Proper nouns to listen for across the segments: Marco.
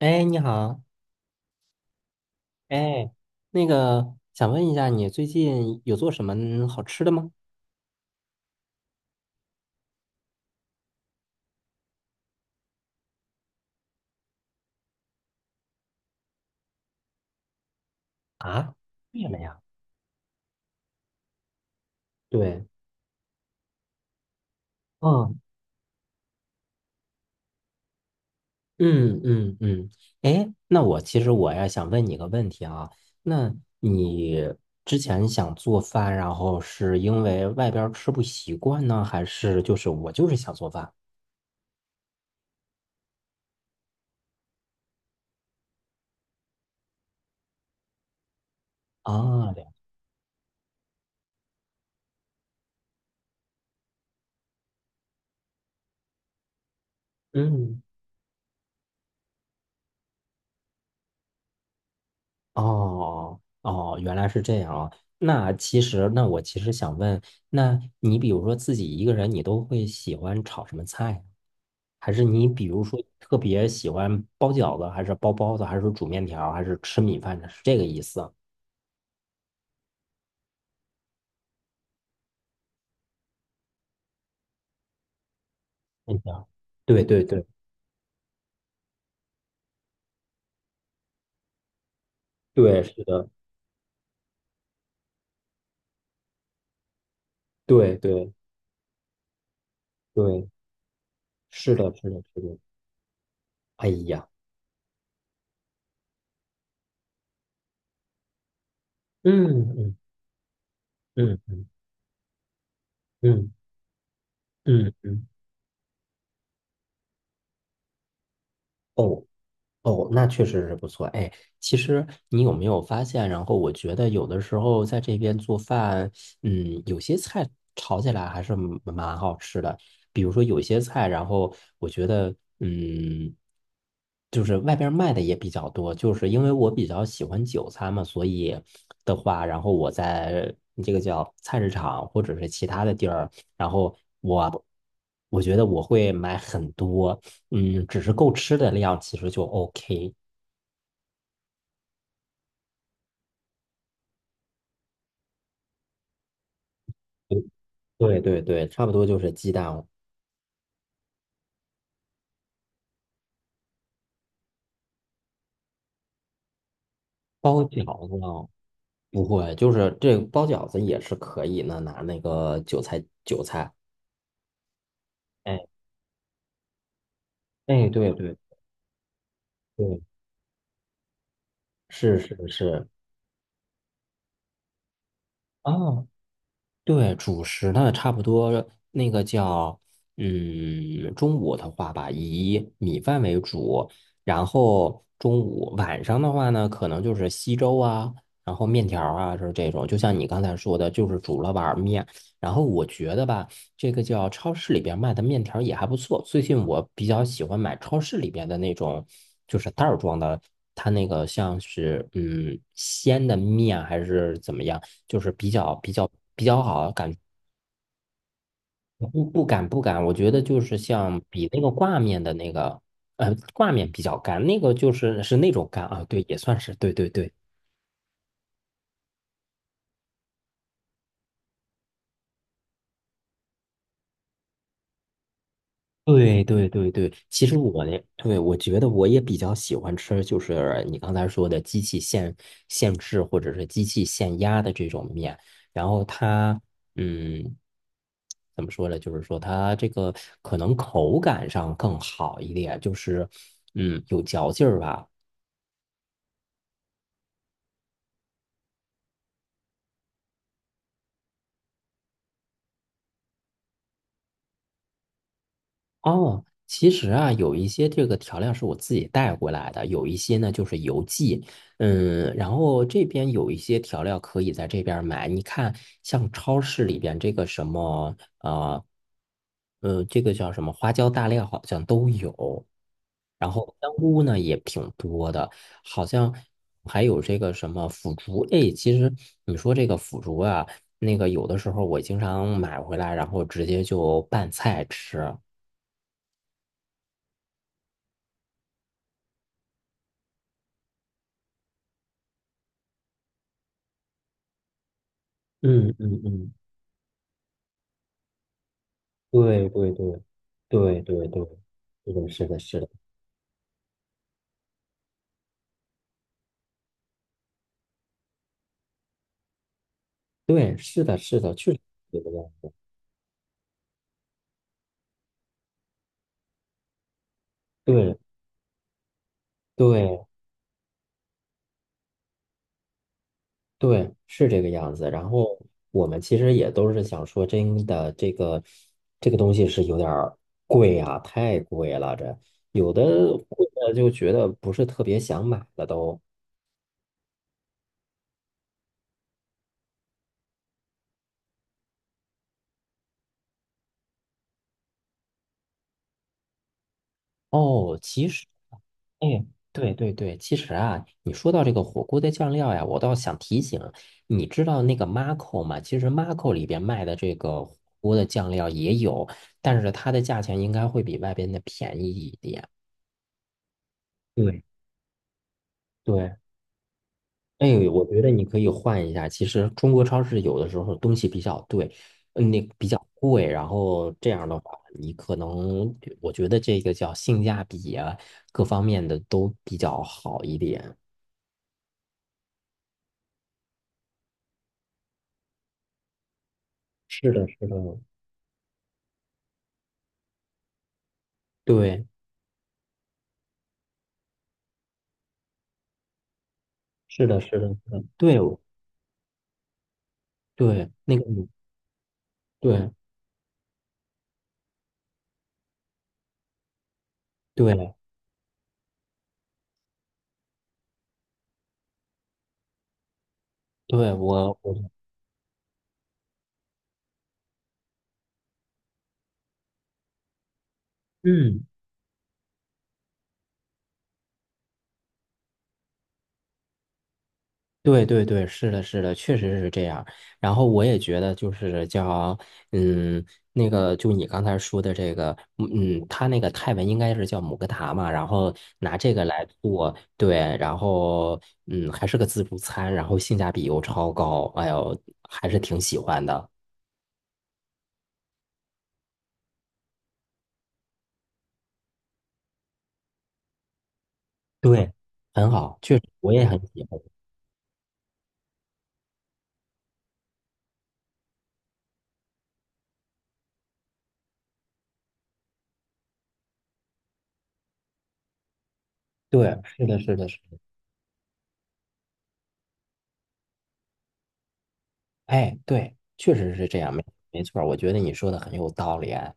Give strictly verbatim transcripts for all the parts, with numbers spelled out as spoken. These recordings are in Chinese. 哎，你好。哎，那个想问一下，你最近有做什么嗯好吃的吗？啊，为什么呀？对。嗯。嗯嗯嗯。哎，那我其实我呀想问你个问题啊。那你之前想做饭，然后是因为外边儿吃不习惯呢，还是就是我就是想做饭啊？对。哦哦，原来是这样啊。那其实，那我其实想问，那你比如说自己一个人，你都会喜欢炒什么菜？还是你比如说特别喜欢包饺子，还是包包子，还是煮面条还是吃米饭呢？是这个意思啊？面条。对对对对，是的。对对对，是的，是的，是的。哎呀。嗯嗯嗯嗯嗯嗯。哦。哦，那确实是不错。哎，其实你有没有发现？然后我觉得有的时候在这边做饭，嗯，有些菜炒起来还是蛮蛮好吃的。比如说有些菜，然后我觉得，嗯，就是外边卖的也比较多。就是因为我比较喜欢韭菜嘛，所以的话，然后我在这个叫菜市场或者是其他的地儿，然后我我觉得我会买很多。嗯，只是够吃的量，其实就 OK。对对对对，差不多就是鸡蛋。包饺子呢，不会，就是这个包饺子也是可以呢，拿那个韭菜韭菜，哎。哎，对对对，是是是。啊，对，主食呢，差不多那个叫，嗯，中午的话吧，以米饭为主，然后中午晚上的话呢，可能就是稀粥啊，然后面条儿啊，是这种，就像你刚才说的，就是煮了碗儿面。然后我觉得吧，这个叫超市里边卖的面条也还不错。最近我比较喜欢买超市里边的那种，就是袋儿装的，它那个像是嗯鲜的面啊还是怎么样，就是比较比较比较好，感觉不不敢不敢，我觉得就是像比那个挂面的那个呃挂面比较干，那个就是是那种干啊，对，也算是对对对。对对对对，其实我呢，对，我觉得我也比较喜欢吃，就是你刚才说的机器现现制或者是机器现压的这种面，然后它，嗯，怎么说呢？就是说它这个可能口感上更好一点，就是，嗯，有嚼劲儿吧。哦，其实啊，有一些这个调料是我自己带过来的，有一些呢就是邮寄。嗯，然后这边有一些调料可以在这边儿买。你看，像超市里边这个什么，呃，呃，这个叫什么花椒大料好像都有，然后香菇呢也挺多的，好像还有这个什么腐竹。哎，其实你说这个腐竹啊，那个有的时候我经常买回来，然后直接就拌菜吃。嗯嗯嗯。对对对对对对，是的，是的，是的。对，是的，是的，确实是这个样子。对对对，是这个样子。然后我们其实也都是想说，真的，这个这个东西是有点儿贵啊，太贵了。这有的会的就觉得不是特别想买了都。哦，其实。哎，对对对，其实啊，你说到这个火锅的酱料呀，我倒想提醒，你知道那个 Marco 吗？其实 Marco 里边卖的这个火锅的酱料也有，但是它的价钱应该会比外边的便宜一点。对对。哎，我觉得你可以换一下。其实中国超市有的时候东西比较对，嗯那比较贵，然后这样的话，你可能我觉得这个叫性价比啊，各方面的都比较好一点。是的，是的。对，是的，是的，是的。对，我对，那个你，对，对，对，我，我，嗯，对，对，对，是的，是的，确实是这样。然后我也觉得，就是叫，嗯，那个，就你刚才说的这个，嗯，他那个泰文应该是叫姆格塔嘛，然后拿这个来做，对，然后，嗯，还是个自助餐，然后性价比又超高，哎呦，还是挺喜欢的。对，很好，确实我也很喜欢。对，是的，是的，是的。哎，对，确实是这样，没没错儿我觉得你说的很有道理哎。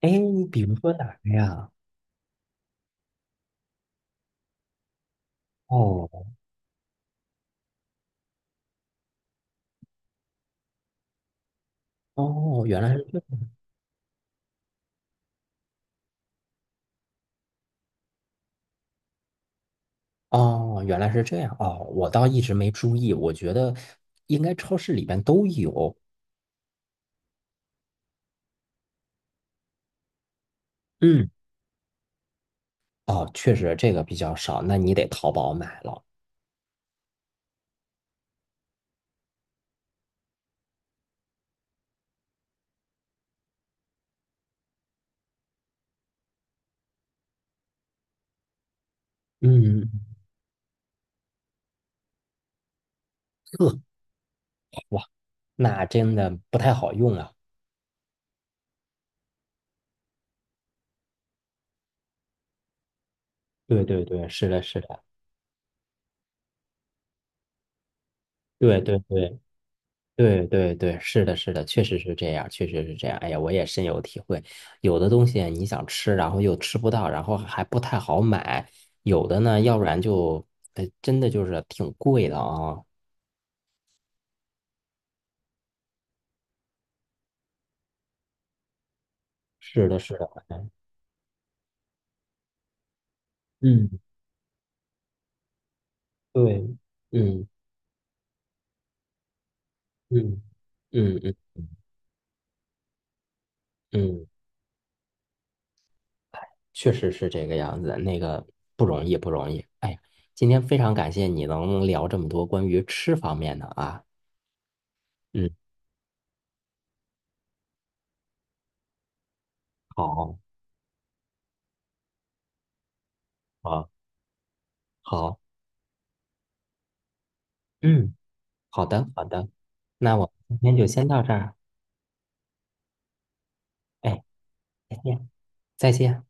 哎你比如说哪个呀？哦哦，原来是这。哦，原来是这样哦，我倒一直没注意，我觉得应该超市里边都有。嗯，哦，确实这个比较少，那你得淘宝买了。嗯。呵。哇，那真的不太好用啊。对对对，是的，是的，对对对。对对对，是的，是的，确实是这样，确实是这样。哎呀，我也深有体会。有的东西你想吃，然后又吃不到，然后还不太好买；有的呢，要不然就，哎，真的就是挺贵的啊。是的，是的。哎嗯，对，嗯嗯嗯嗯嗯，确实是这个样子，那个不容易，不容易。哎呀，今天非常感谢你能聊这么多关于吃方面的啊。嗯，好，好，好，嗯。好的，好的，那我们今天就先到这儿。哎，再见，再见。